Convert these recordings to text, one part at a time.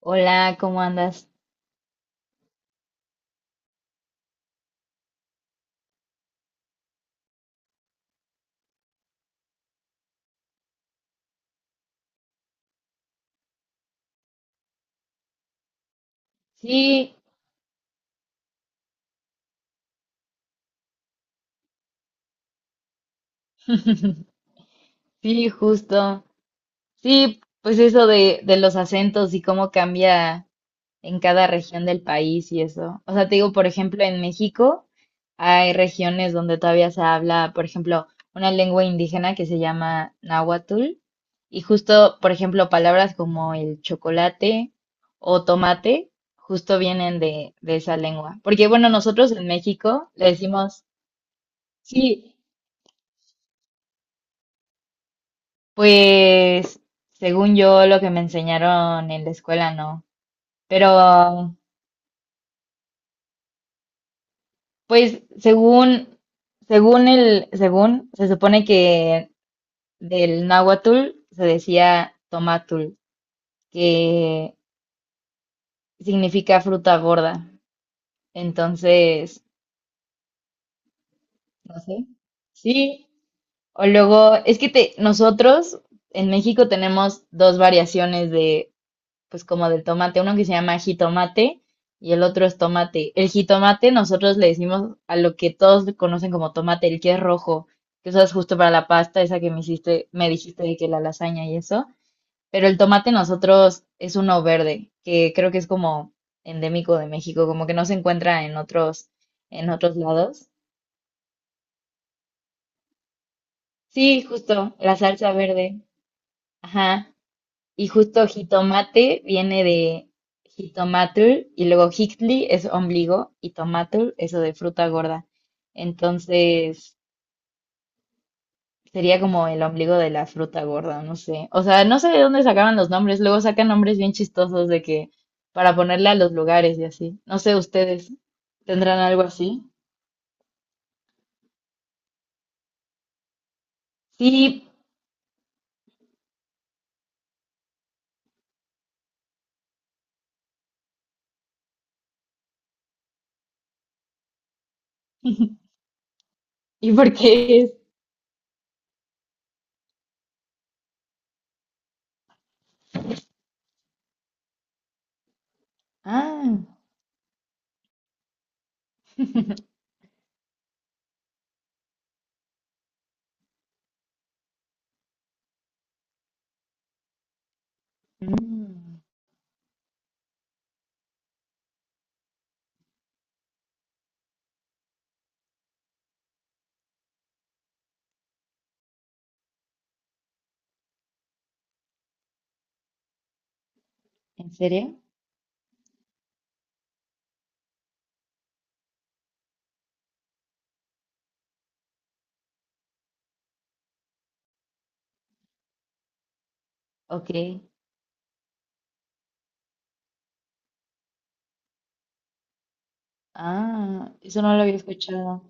Hola, ¿cómo andas? Sí, sí, justo. Sí, pues eso de los acentos y cómo cambia en cada región del país y eso. O sea, te digo, por ejemplo, en México hay regiones donde todavía se habla, por ejemplo, una lengua indígena que se llama náhuatl. Y justo, por ejemplo, palabras como el chocolate o tomate, justo vienen de esa lengua. Porque, bueno, nosotros en México le decimos, sí. Pues, según yo, lo que me enseñaron en la escuela, no. Pero, pues, según, se supone que del náhuatl se decía tomatul, que significa fruta gorda. Entonces, no sé. Sí. O luego, nosotros en México tenemos dos variaciones de pues como del tomate, uno que se llama jitomate y el otro es tomate. El jitomate nosotros le decimos a lo que todos conocen como tomate, el que es rojo, que usas justo para la pasta, esa que me hiciste, me dijiste de que la lasaña y eso. Pero el tomate nosotros es uno verde, que creo que es como endémico de México, como que no se encuentra en otros lados. Sí, justo, la salsa verde. Ajá. Y justo jitomate viene de jitomatl y luego jictli es ombligo y tomatl eso de fruta gorda. Entonces sería como el ombligo de la fruta gorda, no sé. O sea, no sé de dónde sacaban los nombres. Luego sacan nombres bien chistosos de que para ponerle a los lugares y así. No sé, ustedes tendrán algo así. Sí. ¿Y por qué es? Ah. Mm, ¿en serio? Ok. Ah, eso no lo había escuchado.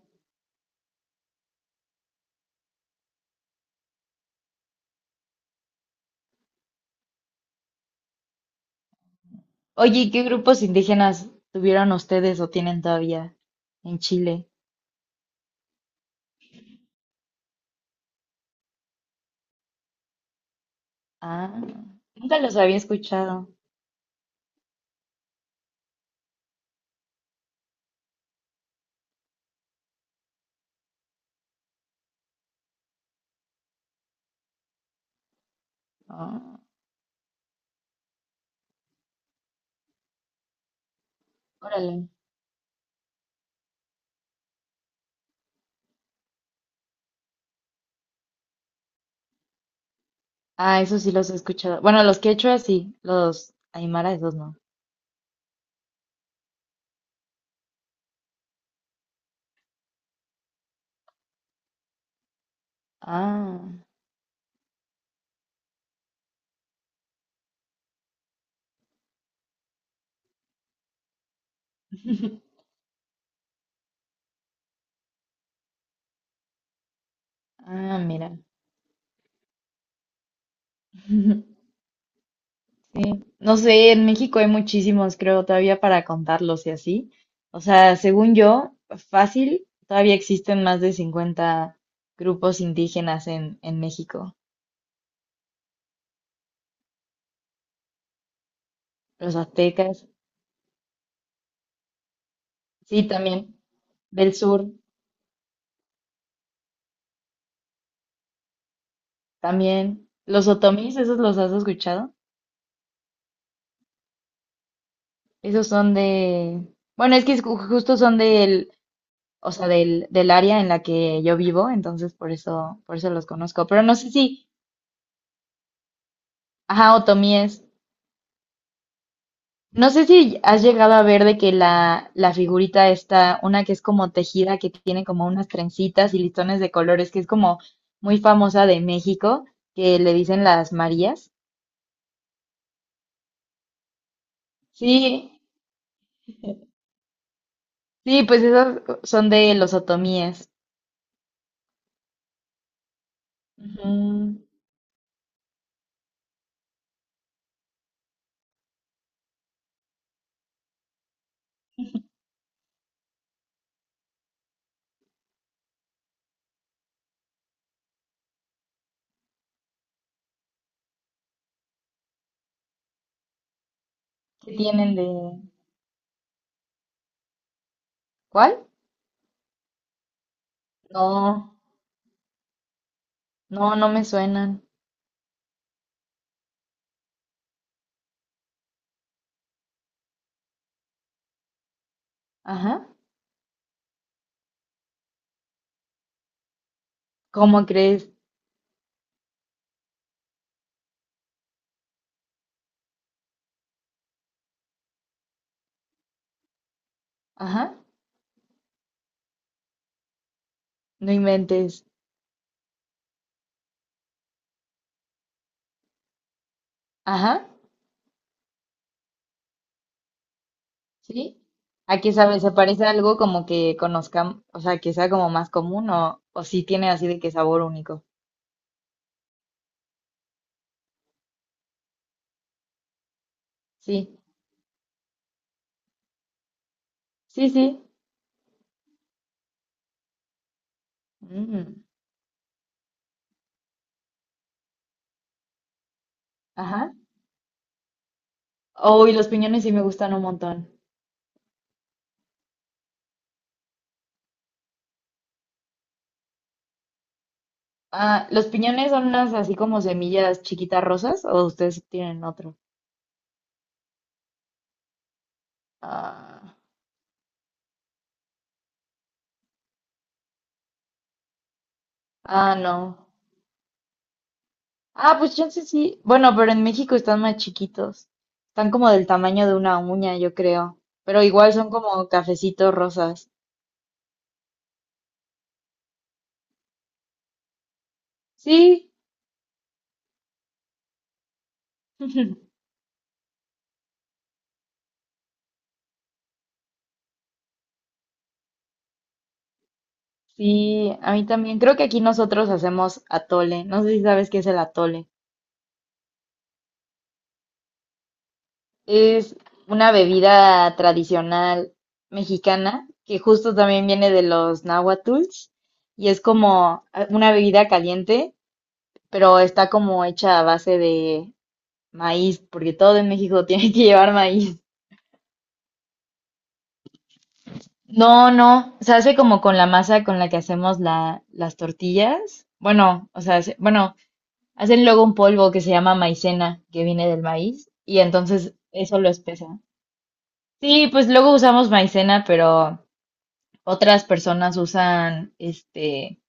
Oye, ¿y qué grupos indígenas tuvieron ustedes o tienen todavía en Chile? Ah, nunca los había escuchado. Ah, órale. Ah, eso sí los he escuchado. Bueno, los quechua sí, los aymara esos no. Ah, ah, mira. Sí. No sé, en México hay muchísimos, creo, todavía para contarlos y así. O sea, según yo, fácil, todavía existen más de 50 grupos indígenas en México. Los aztecas. Sí, también. Del sur, también. Los otomís, ¿esos los has escuchado? Esos son de... Bueno, es que es justo son del, o sea, del área en la que yo vivo, entonces por eso los conozco. Pero no sé si, ajá, otomíes. No sé si has llegado a ver de que la figurita está, una que es como tejida, que tiene como unas trencitas y listones de colores, que es como muy famosa de México, que le dicen las Marías. Sí, sí, pues esas son de los otomíes. Ujú. ¿Qué tienen de...? ¿Cuál? No, no, no me suenan. Ajá. ¿Cómo crees? Ajá. No inventes. Ajá. ¿Sí? ¿A qué sabe? ¿Se parece a algo como que conozcamos, o sea, que sea como más común o sí tiene así de que sabor único? Sí, sí, sí. Mm, ajá. Oh, y los piñones sí me gustan un montón. Ah, ¿los piñones son unas así como semillas chiquitas rosas o ustedes tienen otro? Ah, ah, no. Ah, pues chance sí. Bueno, pero en México están más chiquitos. Están como del tamaño de una uña, yo creo. Pero igual son como cafecitos rosas. Sí. Sí, a mí también. Creo que aquí nosotros hacemos atole. No sé si sabes qué es el atole. Es una bebida tradicional mexicana que justo también viene de los náhuatls y es como una bebida caliente, pero está como hecha a base de maíz, porque todo en México tiene que llevar maíz. No, no, se hace como con la masa con la que hacemos las tortillas. Bueno, o sea, bueno, hacen luego un polvo que se llama maicena, que viene del maíz, y entonces eso lo espesa. Sí, pues luego usamos maicena, pero otras personas usan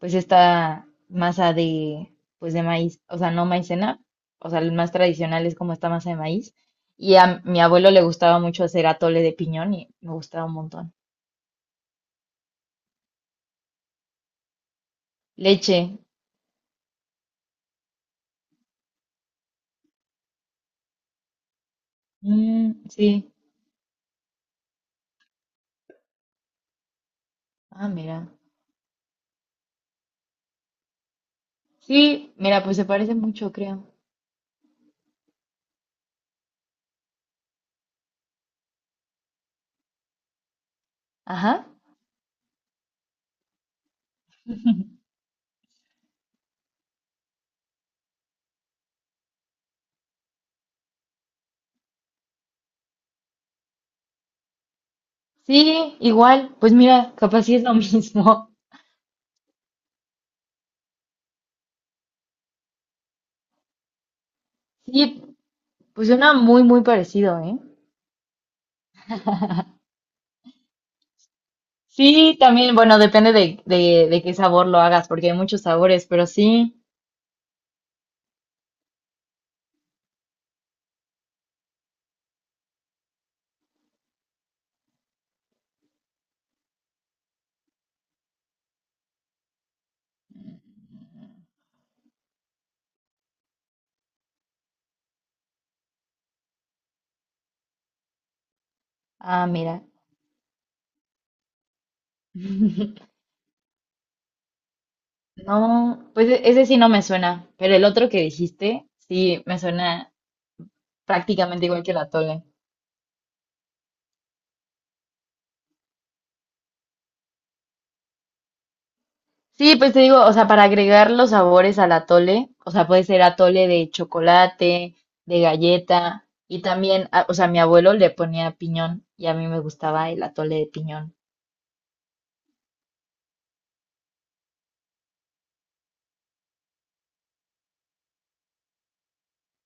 pues esta masa pues de maíz, o sea, no maicena, o sea, el más tradicional es como esta masa de maíz. Y a mi abuelo le gustaba mucho hacer atole de piñón y me gustaba un montón. Leche, mm, sí, ah, mira, sí, mira, pues se parece mucho, creo. Ajá, sí, igual, pues mira, capaz sí es lo mismo. Sí, pues suena muy, muy parecido, ¿eh? Sí, también, bueno, depende de qué sabor lo hagas, porque hay muchos sabores, pero sí, ah, mira. No, pues ese sí no me suena, pero el otro que dijiste sí me suena prácticamente igual que el atole. Sí, pues te digo, o sea, para agregar los sabores al atole, o sea, puede ser atole de chocolate, de galleta, y también, o sea, mi abuelo le ponía piñón y a mí me gustaba el atole de piñón.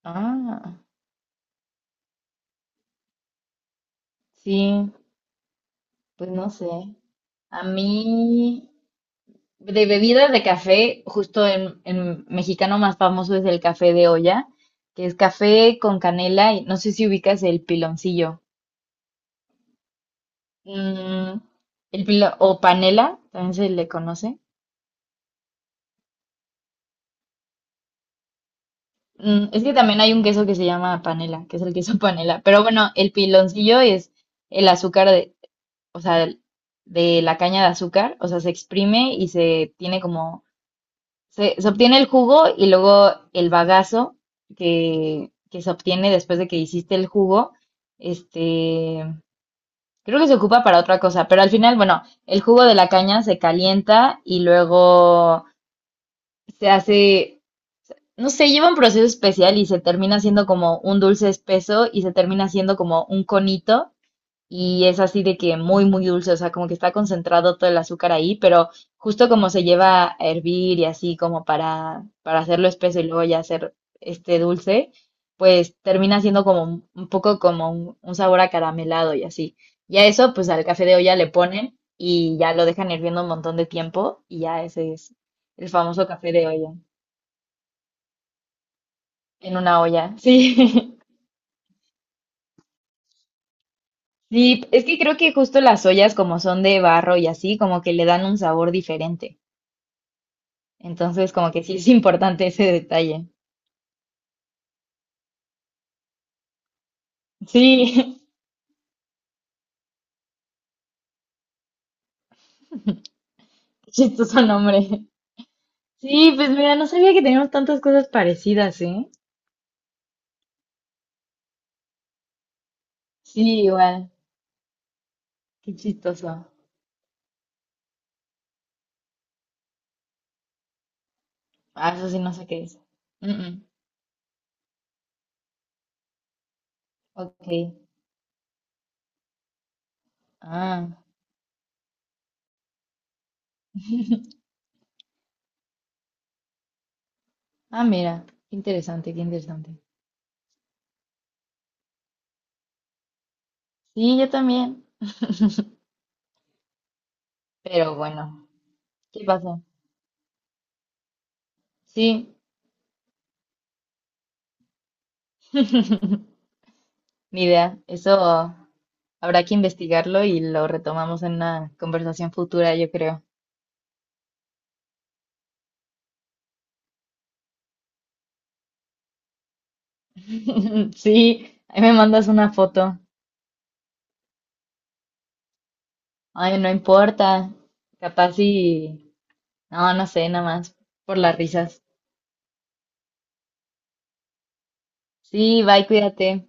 Ah, sí, pues no sé. A mí, De bebidas de café, justo en mexicano más famoso es el café de olla, que es café con canela y no sé si ubicas el piloncillo. Mm, o panela, también se le conoce. Mm, es que también hay un queso que se llama panela, que es el queso panela. Pero bueno, el piloncillo es el azúcar de, o sea, de la caña de azúcar, o sea, se exprime y se tiene como. Se obtiene el jugo y luego el bagazo que se obtiene después de que hiciste el jugo. Este, Creo que se ocupa para otra cosa, pero al final, bueno, el jugo de la caña se calienta y luego se hace, no sé, lleva un proceso especial y se termina siendo como un dulce espeso y se termina siendo como un conito y es así de que muy, muy dulce, o sea, como que está concentrado todo el azúcar ahí, pero justo como se lleva a hervir y así como para hacerlo espeso y luego ya hacer este dulce, pues termina siendo como un poco como un sabor acaramelado y así. Y a eso, pues al café de olla le ponen y ya lo dejan hirviendo un montón de tiempo y ya ese es el famoso café de olla, en una olla, sí. Sí, es que creo que justo las ollas como son de barro y así, como que le dan un sabor diferente. Entonces, como que sí es importante ese detalle. Sí, qué chistoso nombre. Sí, pues mira, no sabía que teníamos tantas cosas parecidas, ¿eh? Sí, igual. Qué chistoso. Ah, eso sí no sé qué es. Mm, mm. Ok. Ah, ah, mira. Qué interesante, qué interesante. Sí, yo también. Pero bueno, ¿qué pasó? Sí, ni idea. Eso habrá que investigarlo y lo retomamos en una conversación futura, yo creo. Sí, ahí me mandas una foto. Ay, no importa. Capaz y... No, no sé, nada más. Por las risas. Sí, bye, cuídate.